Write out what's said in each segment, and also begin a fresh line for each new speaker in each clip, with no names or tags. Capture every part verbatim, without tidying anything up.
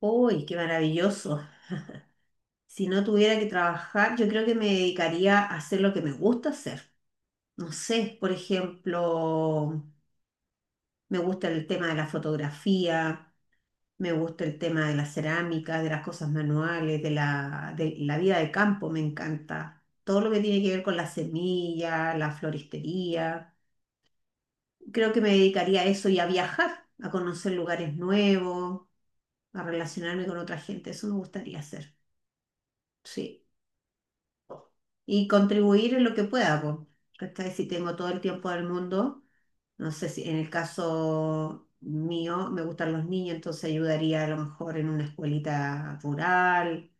Uy, qué maravilloso. Si no tuviera que trabajar, yo creo que me dedicaría a hacer lo que me gusta hacer. No sé, por ejemplo, me gusta el tema de la fotografía, me gusta el tema de las cerámicas, de las cosas manuales, de la, de la vida de campo, me encanta. Todo lo que tiene que ver con la semilla, la floristería. Creo que me dedicaría a eso y a viajar, a conocer lugares nuevos, a relacionarme con otra gente. Eso me gustaría hacer. Sí. Y contribuir en lo que pueda, po, ¿cachai? Si tengo todo el tiempo del mundo, no sé, si en el caso mío me gustan los niños, entonces ayudaría a lo mejor en una escuelita rural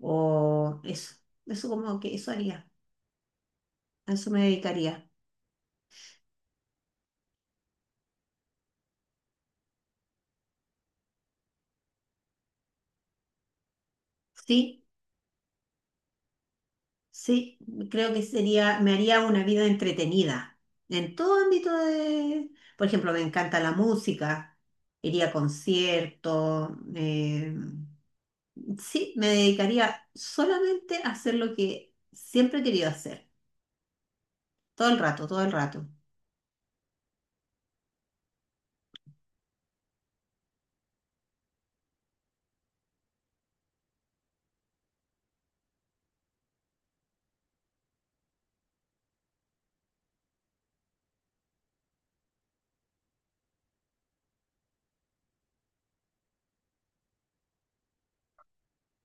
o eso, eso como que eso haría, a eso me dedicaría. Sí, sí, creo que sería, me haría una vida entretenida en todo ámbito de, por ejemplo, me encanta la música, iría a conciertos, eh, sí, me dedicaría solamente a hacer lo que siempre he querido hacer, todo el rato, todo el rato.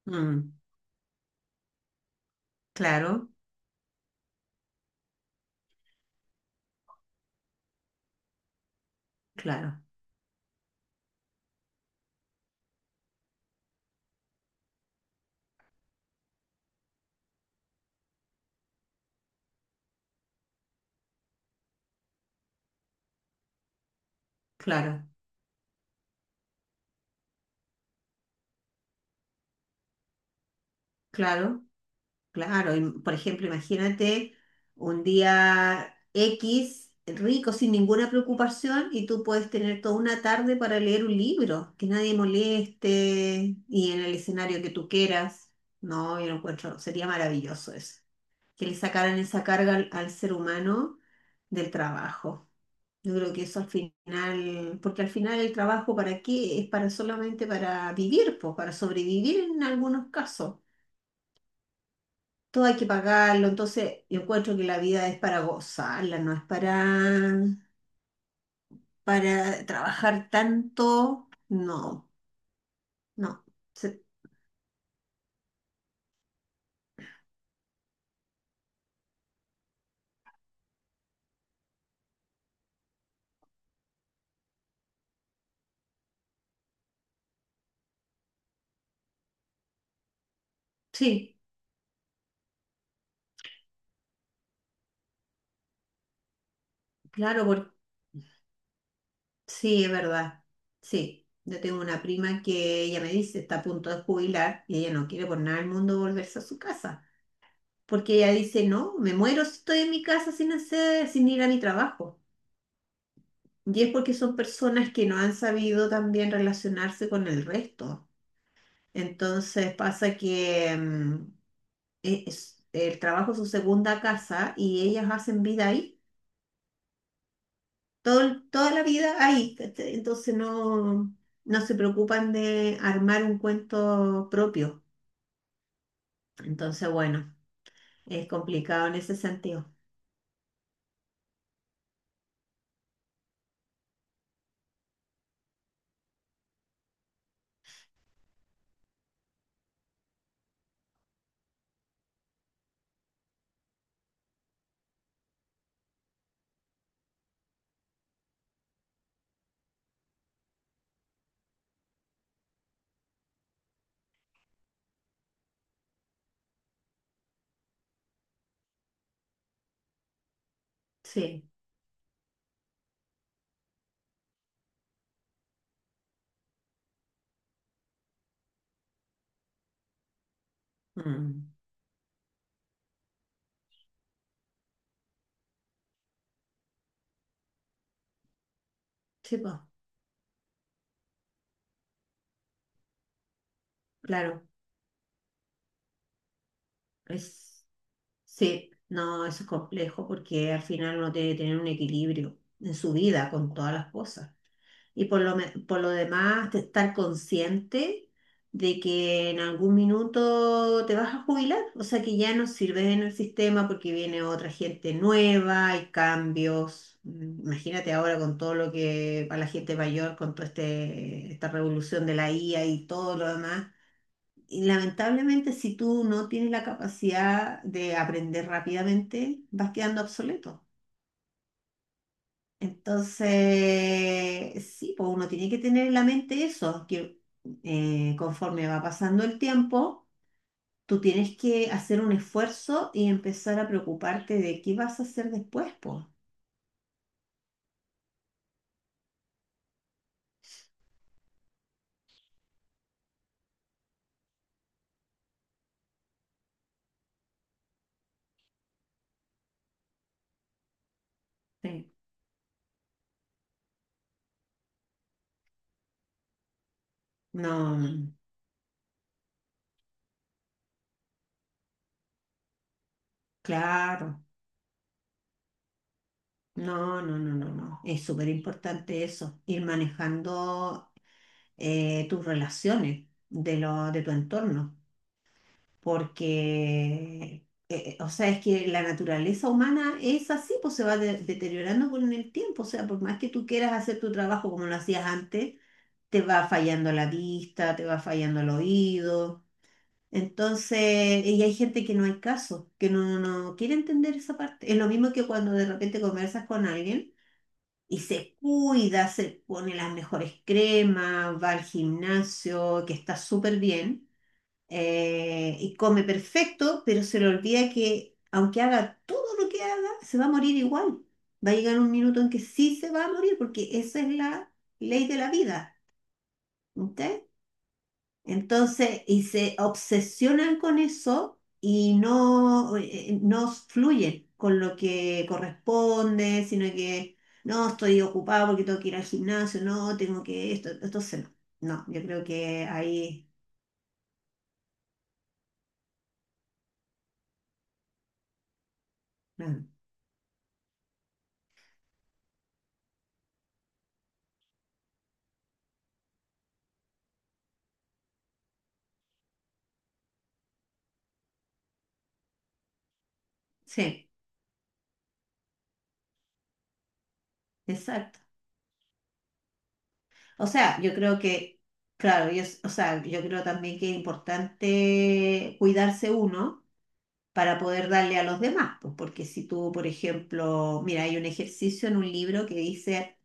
Mm, claro, claro, claro, claro, claro. Y, por ejemplo, imagínate un día equis rico, sin ninguna preocupación, y tú puedes tener toda una tarde para leer un libro, que nadie moleste y en el escenario que tú quieras. No, yo lo encuentro, sería maravilloso eso, que le sacaran esa carga al al ser humano del trabajo. Yo creo que eso al final, porque al final el trabajo para qué es, para solamente para vivir, pues, para sobrevivir en algunos casos. Todo hay que pagarlo, entonces yo encuentro que la vida es para gozarla, no es para, para trabajar tanto. No, no. Se- Sí, claro, por, sí, es verdad. Sí, yo tengo una prima que ella me dice, está a punto de jubilar y ella no quiere por nada del mundo volverse a su casa. Porque ella dice, no, me muero si estoy en mi casa sin hacer, sin ir a mi trabajo. Y es porque son personas que no han sabido también relacionarse con el resto. Entonces pasa que mm, e, es- el trabajo es su segunda casa y ellas hacen vida ahí, todo, el- toda la vida ahí. ¿Cachai? Entonces no, no se preocupan de armar un cuento propio. Entonces, bueno, es complicado en ese sentido. Sí. Mm. Sí, pues, claro. Es, sí, no, eso es complejo porque al final uno tiene que tener un equilibrio en su vida con todas las cosas. Y por lo, me- por lo demás, de estar consciente de que en algún minuto te vas a jubilar, o sea que ya no sirves en el sistema porque viene otra gente nueva, hay cambios. Mm. Imagínate ahora con todo lo que para la gente mayor, con toda este, esta revolución de la I A y todo lo demás, y lamentablemente, si tú no tienes la capacidad de aprender rápidamente, vas quedando obsoleto. Entonces, sí, pues uno tiene que tener en la mente eso, que eh, conforme va pasando el tiempo, tú tienes que hacer un esfuerzo y empezar a preocuparte de qué vas a hacer después, pues. Sí. No, mm, claro. No, no, no, no, no. Es súper importante eso, ir manejando eh, tus relaciones, de, lo, de tu entorno, porque, eh, o sea, es que la naturaleza humana es así, pues se va de- deteriorando con el tiempo, o sea, por más que tú quieras hacer tu trabajo como lo hacías antes, te va fallando la vista, te va fallando el oído. Entonces, y hay gente que no hay caso, que no, no no quiere entender esa parte. Es lo mismo que cuando de repente conversas con alguien y se cuida, se pone las mejores cremas, va al gimnasio, que está súper bien, eh, y come perfecto, pero se le olvida que aunque haga todo lo que haga, se va a morir igual. Va a llegar un minuto en que sí se va a morir, porque esa es la ley de la vida. ¿Ok? Entonces, y se obsesionan con eso y no, eh, eh, no fluyen con lo que corresponde, sino que no, estoy ocupado porque tengo que ir al gimnasio, no, tengo que esto. Entonces, no, no, yo creo que ahí, no. Sí, exacto. O sea, yo creo que, claro, yo, o sea, yo creo también que es importante cuidarse uno para poder darle a los demás, pues, porque si tú, por ejemplo, mira, hay un ejercicio en un libro que dice,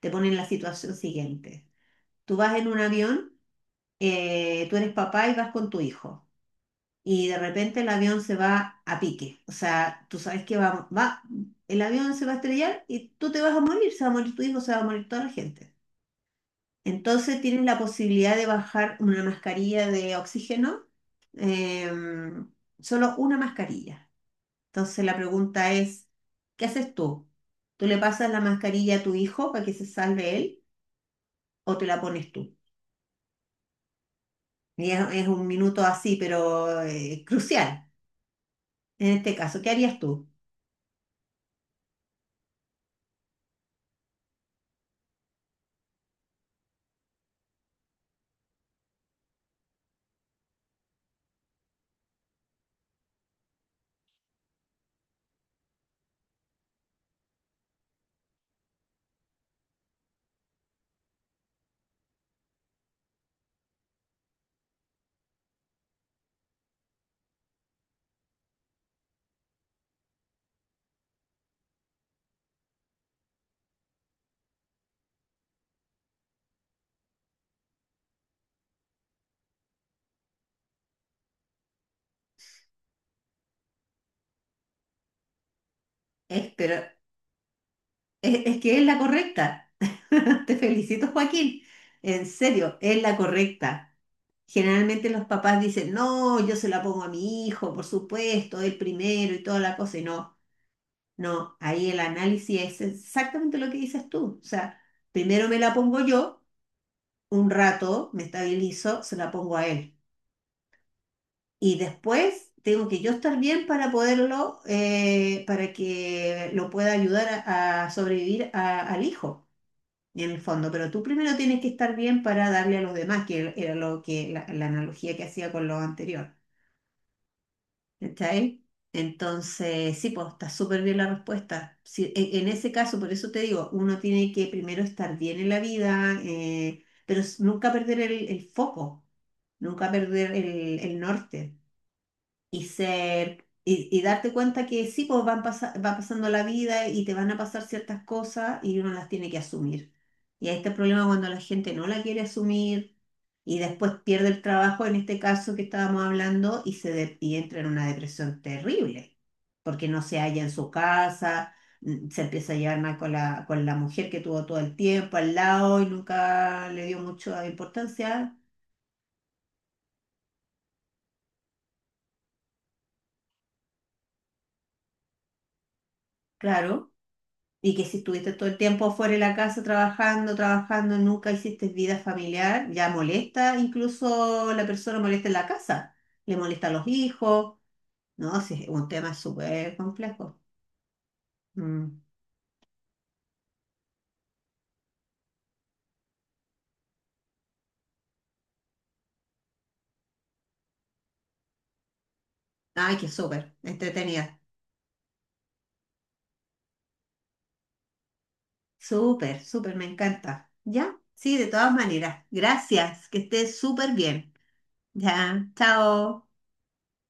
te pone en la situación siguiente. Tú vas en un avión, eh, tú eres papá y vas con tu hijo, y de repente el avión se va a pique. O sea, tú sabes que va, va, el avión se va a estrellar y tú te vas a morir, se va a morir tu hijo, se va a morir toda la gente. Entonces tienes la posibilidad de bajar una mascarilla de oxígeno, eh, solo una mascarilla. Entonces la pregunta es, ¿qué haces tú? ¿Tú le pasas la mascarilla a tu hijo para que se salve él o te la pones tú? Y es, es un minuto así, pero eh, crucial. En este caso, ¿qué harías tú? Es, pero es, es que es la correcta. Te felicito, Joaquín. En serio, es la correcta. Generalmente los papás dicen, no, yo se la pongo a mi hijo, por supuesto, el primero y toda la cosa. Y no, no, ahí el análisis es exactamente lo que dices tú. O sea, primero me la pongo yo, un rato me estabilizo, se la pongo a él. Y después tengo que yo estar bien para poderlo, eh, para que lo pueda ayudar a, a sobrevivir a- al hijo, en el fondo. Pero tú primero tienes que estar bien para darle a los demás, que era lo que la, la analogía que hacía con lo anterior. ¿Cachai? Entonces, sí, pues está súper bien la respuesta. Sí, en, en ese caso, por eso te digo, uno tiene que primero estar bien en la vida, eh, pero s- nunca perder el, el foco, nunca perder el el norte y ser y, y darte cuenta que sí, pues van pasa- va pasando la vida y te van a pasar ciertas cosas y uno las tiene que asumir. Y ahí está el problema cuando la gente no la quiere asumir y después pierde el trabajo, en este caso que estábamos hablando, y, se de- y entra en una depresión terrible, porque no se halla en su casa, mm, se empieza a llevar mal con la, con la mujer que tuvo todo el tiempo al lado y nunca le dio mucha importancia, claro. Y que si estuviste todo el tiempo fuera de la casa trabajando, trabajando, nunca hiciste vida familiar, ya molesta, incluso la persona molesta en la casa, le molesta a los hijos, ¿no? Sí, es un tema súper complejo. Mm. Ay, qué súper, entretenida. Súper, súper, me encanta. ¿Ya? Sí, de todas maneras. Gracias, que estés súper bien. Ya, chao.